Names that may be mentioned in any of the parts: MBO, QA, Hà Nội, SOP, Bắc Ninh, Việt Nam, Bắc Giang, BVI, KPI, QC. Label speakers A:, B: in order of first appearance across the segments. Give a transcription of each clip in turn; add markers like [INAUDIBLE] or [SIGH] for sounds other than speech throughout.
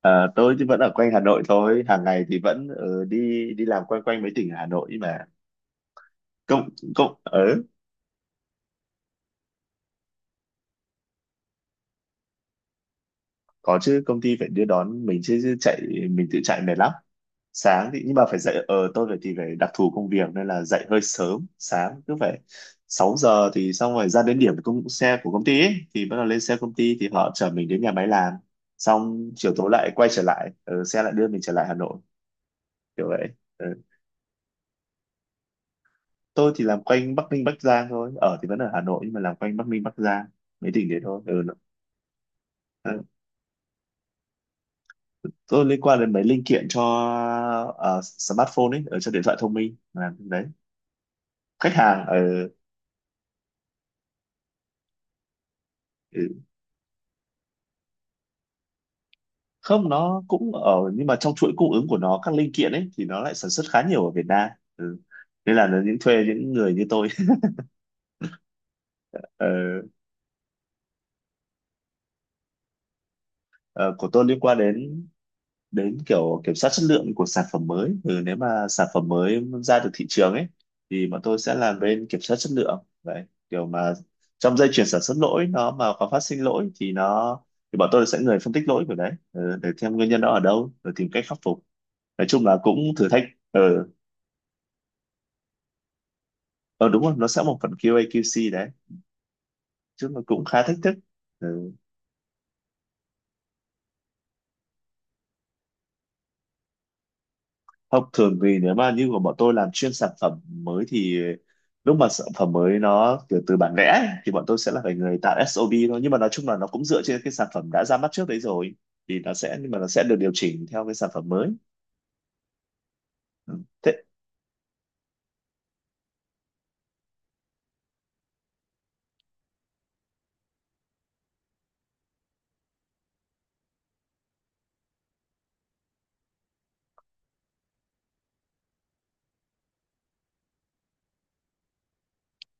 A: Tôi thì vẫn ở quanh Hà Nội thôi, hàng ngày thì vẫn đi đi làm quanh quanh mấy tỉnh ở Hà Nội mà. Công công ở Có chứ, công ty phải đưa đón mình chứ, chứ chạy mình tự chạy mệt lắm. Sáng thì nhưng mà phải dậy, ờ tôi phải thì phải đặc thù công việc nên là dậy hơi sớm, sáng cứ phải 6 giờ thì xong, rồi ra đến điểm công xe của công ty ấy, thì bắt đầu lên xe công ty thì họ chở mình đến nhà máy làm. Xong chiều tối lại quay trở lại, xe lại đưa mình trở lại Hà Nội kiểu vậy. Ờ. Tôi thì làm quanh Bắc Ninh Bắc Giang thôi, ở thì vẫn ở Hà Nội nhưng mà làm quanh Bắc Ninh Bắc Giang mấy tỉnh đấy thôi, ừ, ờ, tôi liên quan đến mấy linh kiện cho smartphone ấy, ở cho điện thoại thông minh, làm cái đấy khách hàng. Ờ, ừ, không, nó cũng ở nhưng mà trong chuỗi cung ứng của nó các linh kiện ấy thì nó lại sản xuất khá nhiều ở Việt Nam, ừ, nên là nó những thuê những người như tôi. [LAUGHS] Ờ, ờ, của tôi liên quan đến, đến kiểu kiểm soát chất lượng của sản phẩm mới. Ừ, nếu mà sản phẩm mới ra được thị trường ấy thì bọn tôi sẽ làm bên kiểm soát chất lượng đấy, kiểu mà trong dây chuyền sản xuất lỗi, nó mà có phát sinh lỗi thì nó, thì bọn tôi sẽ người phân tích lỗi của đấy, ừ, để xem nguyên nhân đó ở đâu rồi tìm cách khắc phục, nói chung là cũng thử thách. Ờ ừ, ờ đúng rồi, nó sẽ một phần QA QC đấy, chứ nó cũng khá thách thức, ừ. Không, thường thì nếu mà như của bọn tôi làm chuyên sản phẩm mới thì lúc mà sản phẩm mới nó kiểu từ bản vẽ ấy, thì bọn tôi sẽ là phải người tạo SOP thôi, nhưng mà nói chung là nó cũng dựa trên cái sản phẩm đã ra mắt trước đấy rồi, thì nó sẽ nhưng mà nó sẽ được điều chỉnh theo cái sản phẩm mới. Ừ. thế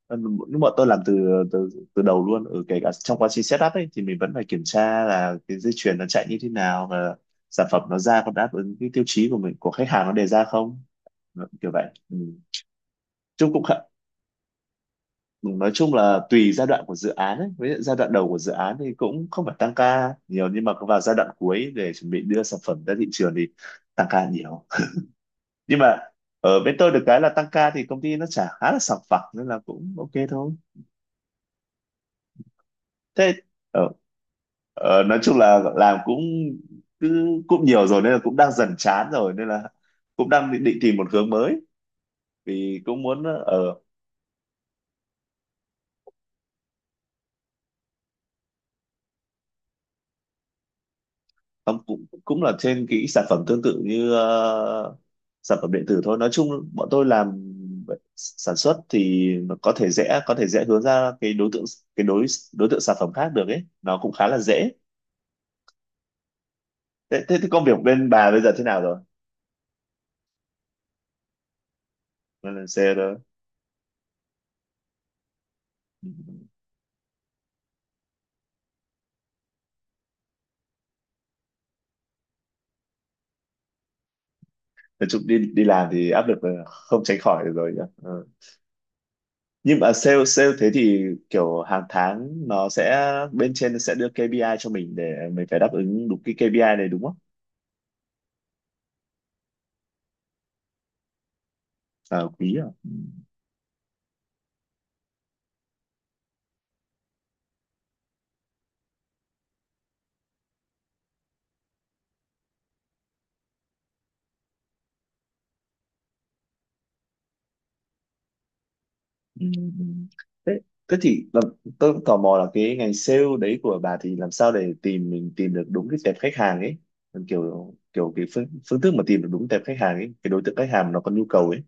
A: ờ, Lúc bọn tôi làm từ từ từ đầu luôn, ở kể cả trong quá trình setup ấy thì mình vẫn phải kiểm tra là cái dây chuyền nó chạy như thế nào và sản phẩm nó ra có đáp ứng cái tiêu chí của mình, của khách hàng nó đề ra không. Ừ, kiểu vậy, ừ. Chung cũng khá, nói chung là tùy giai đoạn của dự án ấy. Với giai đoạn đầu của dự án thì cũng không phải tăng ca nhiều nhưng mà vào giai đoạn cuối để chuẩn bị đưa sản phẩm ra thị trường thì tăng ca nhiều, nhưng mà ở bên tôi được cái là tăng ca thì công ty nó trả khá là sòng phẳng nên là cũng ok thôi. thế ờ, nói chung là làm cũng cứ cũng nhiều rồi nên là cũng đang dần chán rồi nên là cũng đang định, định tìm một hướng mới vì cũng muốn ở. Không, cũng cũng là trên cái sản phẩm tương tự như sản phẩm điện tử thôi, nói chung bọn tôi làm sản xuất thì nó có thể dễ, có thể dễ hướng ra cái đối tượng, cái đối đối tượng sản phẩm khác được ấy, nó cũng khá là dễ. Thế, công việc bên bà bây giờ thế nào rồi? Bà làm sale đó. Ừ. Nói chung đi đi làm thì áp lực là không tránh khỏi được rồi nhỉ? Ừ. Nhưng mà sale sale thế thì kiểu hàng tháng nó sẽ bên trên nó sẽ đưa KPI cho mình để mình phải đáp ứng đúng cái KPI này đúng không? À, quý à. Ừ. Ừ, ừ. Thế, thế thì là, tôi cũng tò mò là cái ngành sale đấy của bà thì làm sao để mình tìm được đúng cái tệp khách hàng ấy, còn kiểu kiểu cái phương, thức mà tìm được đúng tệp khách hàng ấy, cái đối tượng khách hàng nó có nhu cầu ấy.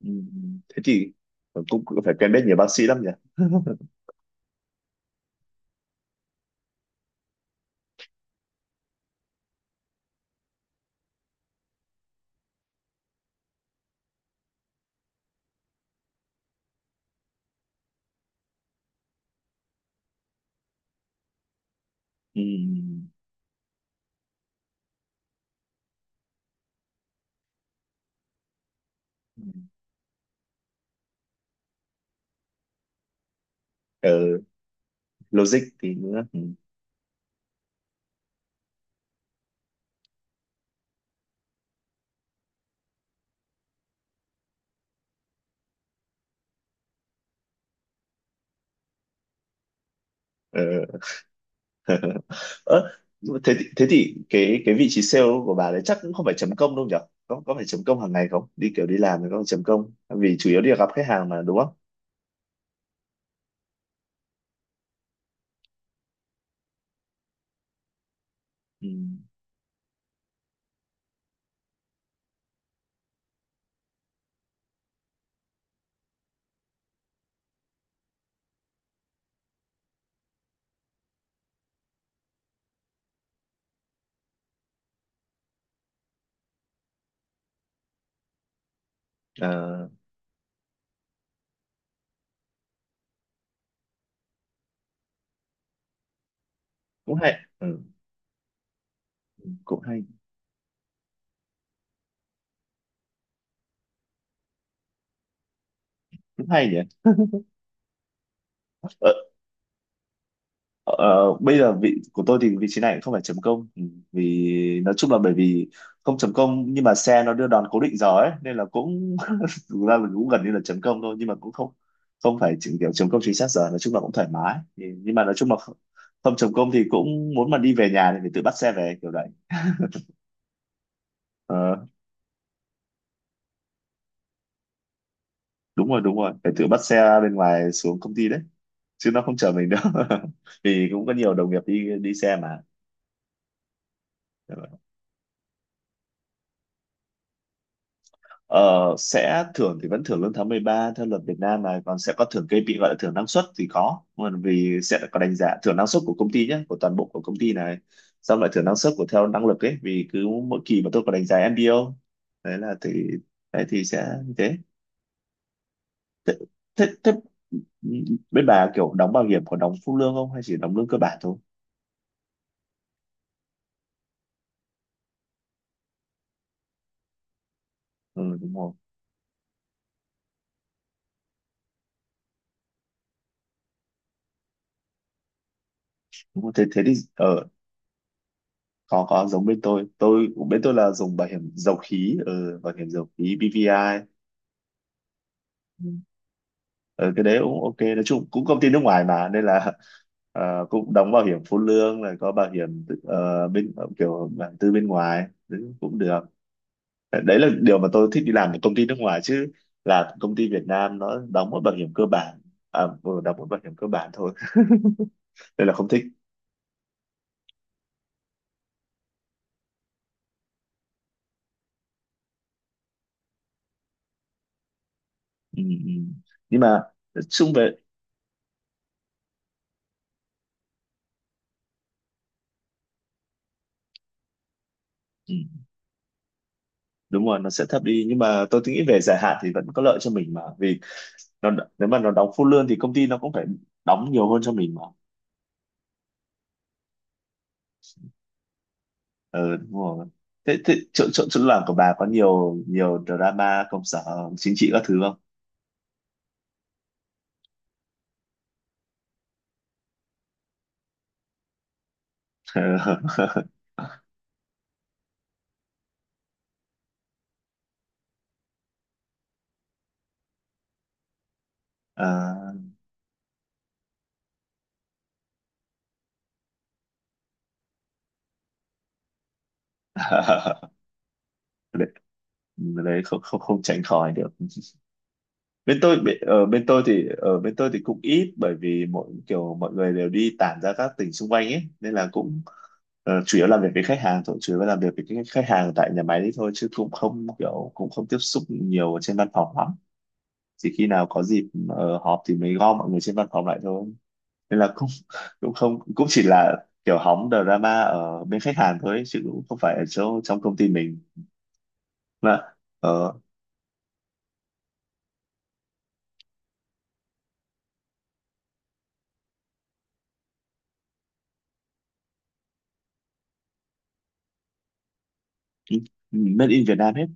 A: Ừ. Ừ. Thế thì cũng cũng phải quen biết nhiều bác sĩ lắm nhỉ. [LAUGHS] Ừ. Ừ. Ờ, logic thì nữa, ừ. Ờ. Ơ, thế thì cái vị trí sale của bà đấy chắc cũng không phải chấm công đâu nhỉ, có phải chấm công hàng ngày không, đi kiểu đi làm thì có phải chấm công vì chủ yếu đi gặp khách hàng mà đúng không? Ừ. Ờ, cũng hay, ừ, cũng hay, cũng hay nhỉ. ờ, ờ, Bây giờ vị của tôi thì vị trí này cũng không phải chấm công. Ừ, vì nói chung là bởi vì không chấm công nhưng mà xe nó đưa đón cố định giờ ấy nên là cũng [LAUGHS] thực ra là cũng gần như là chấm công thôi nhưng mà cũng không, không phải chỉ kiểu chấm công chính xác giờ, nói chung là cũng thoải mái. Ừ, nhưng mà nói chung là không, không chấm công thì cũng muốn mà đi về nhà thì phải tự bắt xe về kiểu đấy. Ờ, đúng rồi, đúng rồi, phải tự bắt xe bên ngoài xuống công ty đấy chứ nó không chở mình đâu. [LAUGHS] Vì cũng có nhiều đồng nghiệp đi đi xe mà. Ờ, sẽ thưởng thì vẫn thưởng lương tháng 13 theo luật Việt Nam này, còn sẽ có thưởng cây bị gọi là thưởng năng suất thì có, còn vì sẽ có đánh giá thưởng năng suất của công ty nhé, của toàn bộ của công ty này, xong lại thưởng năng suất của theo năng lực ấy, vì cứ mỗi kỳ mà tôi có đánh giá MBO đấy là thì đấy, thì sẽ như thế. Thế, thế, thế bên bà kiểu đóng bảo hiểm có đóng phụ lương không hay chỉ đóng lương cơ bản thôi? Ừ, đúng rồi, đúng rồi. Thế thế thì ở Có giống bên tôi, bên tôi là dùng bảo hiểm dầu khí, ừ, bảo hiểm dầu khí BVI. Ừ, cái đấy cũng ok, nói chung cũng công ty nước ngoài mà nên là cũng đóng bảo hiểm phụ lương rồi, có bảo hiểm tự- bên kiểu bản tư bên ngoài đấy cũng được. Đấy là điều mà tôi thích đi làm ở công ty nước ngoài, chứ là công ty Việt Nam nó đóng một bảo hiểm cơ bản, à, vừa đóng một bảo hiểm cơ bản thôi, [LAUGHS] nên là không thích. Ừ, ừ. Nhưng mà nói chung về, ừ, đúng rồi, nó sẽ thấp đi nhưng mà tôi nghĩ về dài hạn thì vẫn có lợi cho mình mà, vì nó, nếu mà nó đóng full lương thì công ty nó cũng phải đóng nhiều hơn cho mình mà. Ừ, đúng rồi. Thế, thế chỗ, chỗ chỗ làm của bà có nhiều nhiều drama công sở chính trị các thứ không? [LAUGHS] À, [LAUGHS] đấy, đấy không, không tránh khỏi được. [LAUGHS] Bên tôi, bên, ở bên tôi thì cũng ít bởi vì mọi người đều đi tản ra các tỉnh xung quanh ấy nên là cũng chủ yếu làm việc với khách hàng thôi, chủ yếu làm việc với cái khách hàng tại nhà máy đấy thôi, chứ cũng không kiểu cũng không tiếp xúc nhiều ở trên văn phòng lắm, chỉ khi nào có dịp họp thì mới gom mọi người trên văn phòng lại thôi, nên là cũng [LAUGHS] cũng không, cũng chỉ là kiểu hóng drama ở bên khách hàng thôi ấy, chứ cũng không phải ở chỗ trong công ty mình. Là ở made in Việt Nam hết,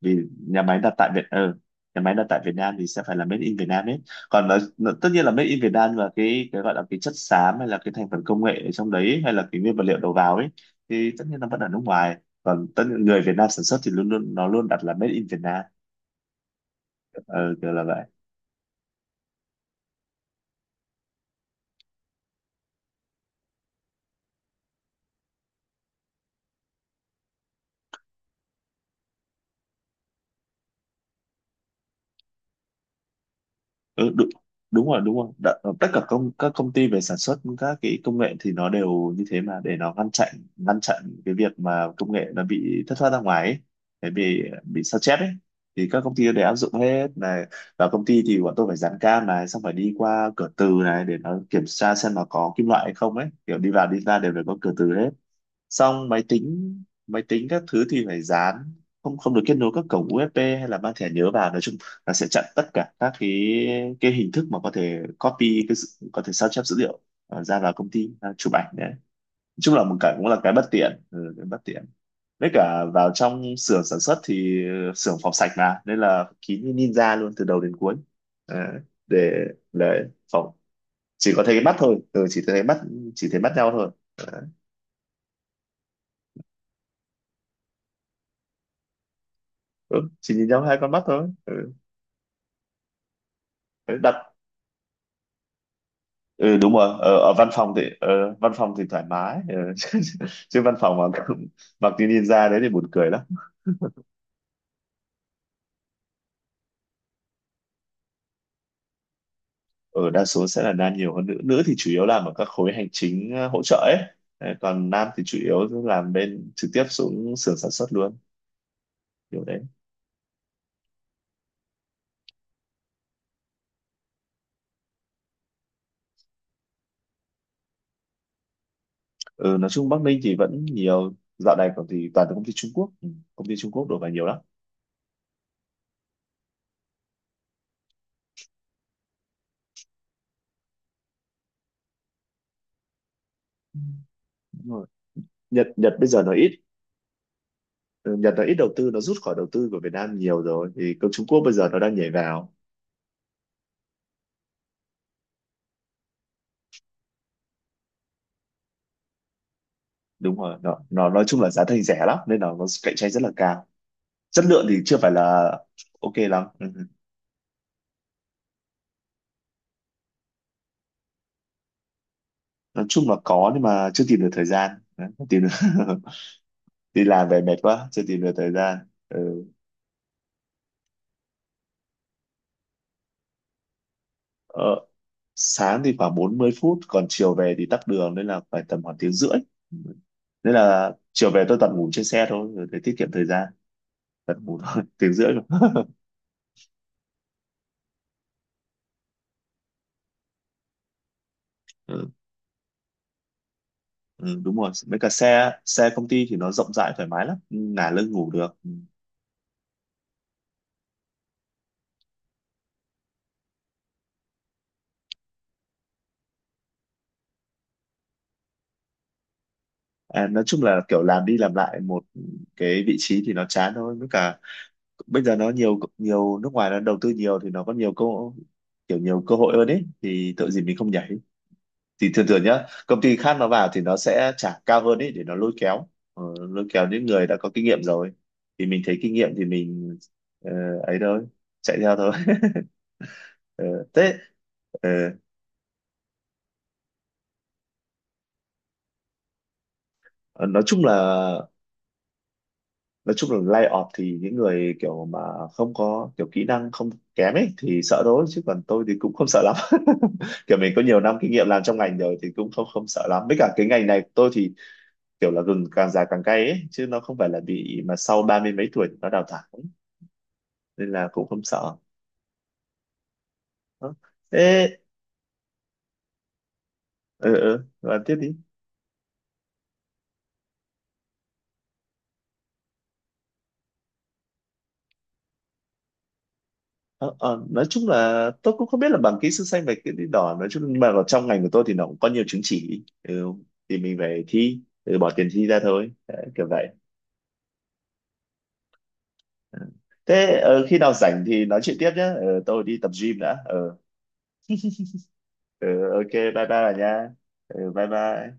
A: vì nhà máy đặt tại nhà máy đặt tại Việt Nam thì sẽ phải là made in Việt Nam hết, còn tất nhiên là made in Việt Nam, và cái gọi là cái chất xám hay là cái thành phần công nghệ ở trong đấy hay là cái nguyên vật liệu đầu vào ấy thì tất nhiên là vẫn ở nước ngoài, còn tất nhiên người Việt Nam sản xuất thì luôn luôn nó luôn đặt là made in Việt Nam. Ừ, kiểu là vậy. Ừ, đúng, đúng rồi, đúng rồi. Đã, tất cả công các công ty về sản xuất các cái công nghệ thì nó đều như thế mà, để nó ngăn chặn, ngăn chặn cái việc mà công nghệ nó bị thất thoát ra ngoài ấy, để bị sao chép ấy, thì các công ty đều áp dụng hết này. Và công ty thì bọn tôi phải dán cam này, xong phải đi qua cửa từ này để nó kiểm tra xem là có kim loại hay không ấy, kiểu đi vào đi ra đều phải có cửa từ hết. Xong máy tính các thứ thì phải dán, không không được kết nối các cổng USB hay là mang thẻ nhớ vào. Nói chung là sẽ chặn tất cả các cái hình thức mà có thể copy có thể sao chép dữ liệu, ra vào công ty, à, chụp ảnh đấy. Nói chung là một cái cũng là cái bất tiện, ừ, cái bất tiện. Với cả vào trong xưởng sản xuất thì xưởng phòng sạch mà nên là kín như ninja luôn từ đầu đến cuối. Đấy, để để phòng chỉ có thấy cái mắt thôi, ừ, chỉ thấy mắt, chỉ thấy mắt nhau thôi. Đấy. Ừ, chỉ nhìn nhau hai con mắt thôi. Ừ. Đặt ừ, đúng rồi ở, ở văn phòng thì văn phòng thì thoải mái. Ờ. [LAUGHS] chứ chứ văn phòng mà cũng mặc cái ninja đấy thì buồn cười lắm. Ở đa số sẽ là nam nhiều hơn nữ, nữ thì chủ yếu làm ở các khối hành chính, hỗ trợ ấy. Đấy, còn nam thì chủ yếu làm bên trực tiếp xuống xưởng sản xuất luôn, kiểu đấy. Ừ, nói chung Bắc Ninh thì vẫn nhiều, dạo này còn thì toàn là công ty Trung Quốc, ừ, công ty Trung Quốc đổ vào nhiều lắm. Đúng rồi. Nhật Nhật bây giờ nó ít. Ừ, Nhật nó ít đầu tư, nó rút khỏi đầu tư của Việt Nam nhiều rồi, thì công Trung Quốc bây giờ nó đang nhảy vào. Đúng rồi nó nói chung là giá thành rẻ lắm nên là nó cạnh tranh rất là cao. Chất lượng thì chưa phải là ok lắm, ừ. Nói chung là có nhưng mà chưa tìm được thời gian. Đấy, không tìm được. [LAUGHS] Đi làm về mệt quá, chưa tìm được thời gian. Ừ. ờ, sáng thì khoảng 40 phút, còn chiều về thì tắc đường nên là phải tầm khoảng tiếng rưỡi. Ừ. Nên là chiều về tôi toàn ngủ trên xe thôi rồi, để tiết kiệm thời gian. Toàn ngủ thôi. [LAUGHS] Tiếng rưỡi rồi. [LAUGHS] Ừ. Ừ, đúng rồi mấy cả xe xe công ty thì nó rộng rãi thoải mái lắm, ngả lưng ngủ được. Ừ. À, nói chung là kiểu làm đi làm lại một cái vị trí thì nó chán thôi, với cả bây giờ nó nhiều nhiều nước ngoài nó đầu tư nhiều thì nó có nhiều cơ, kiểu nhiều cơ hội hơn ấy, thì tội gì mình không nhảy. Thì thường thường nhá công ty khác nó vào thì nó sẽ trả cao hơn ấy để nó lôi kéo, lôi kéo những người đã có kinh nghiệm rồi, thì mình thấy kinh nghiệm thì mình ờ, ấy thôi, chạy theo thôi. [LAUGHS] Ờ, thế ờ, nói chung là nói chung là lay off thì những người kiểu mà không có kiểu kỹ năng, không kém ấy thì sợ thôi, chứ còn tôi thì cũng không sợ lắm. [LAUGHS] Kiểu mình có nhiều năm kinh nghiệm làm trong ngành rồi thì cũng không không sợ lắm, với cả cái ngành này của tôi thì kiểu là gừng càng già càng cay ấy, chứ nó không phải là bị mà sau ba mươi mấy tuổi nó đào thải, nên là cũng không sợ. Đó. Thế ừ ừ bạn tiếp đi. Ờ, nói chung là tôi cũng không biết là bằng kỹ sư xanh và kỹ sư đỏ, nói chung nhưng mà ở trong ngành của tôi thì nó cũng có nhiều chứng chỉ, ừ, thì mình phải thi, ừ, bỏ tiền thi ra thôi. Đấy, kiểu vậy. Ừ. Thế khi nào rảnh thì nói chuyện tiếp nhé. Ờ, tôi đi tập gym đã. Ờ, ờ, ok bye bye bà nha. Ờ, bye bye.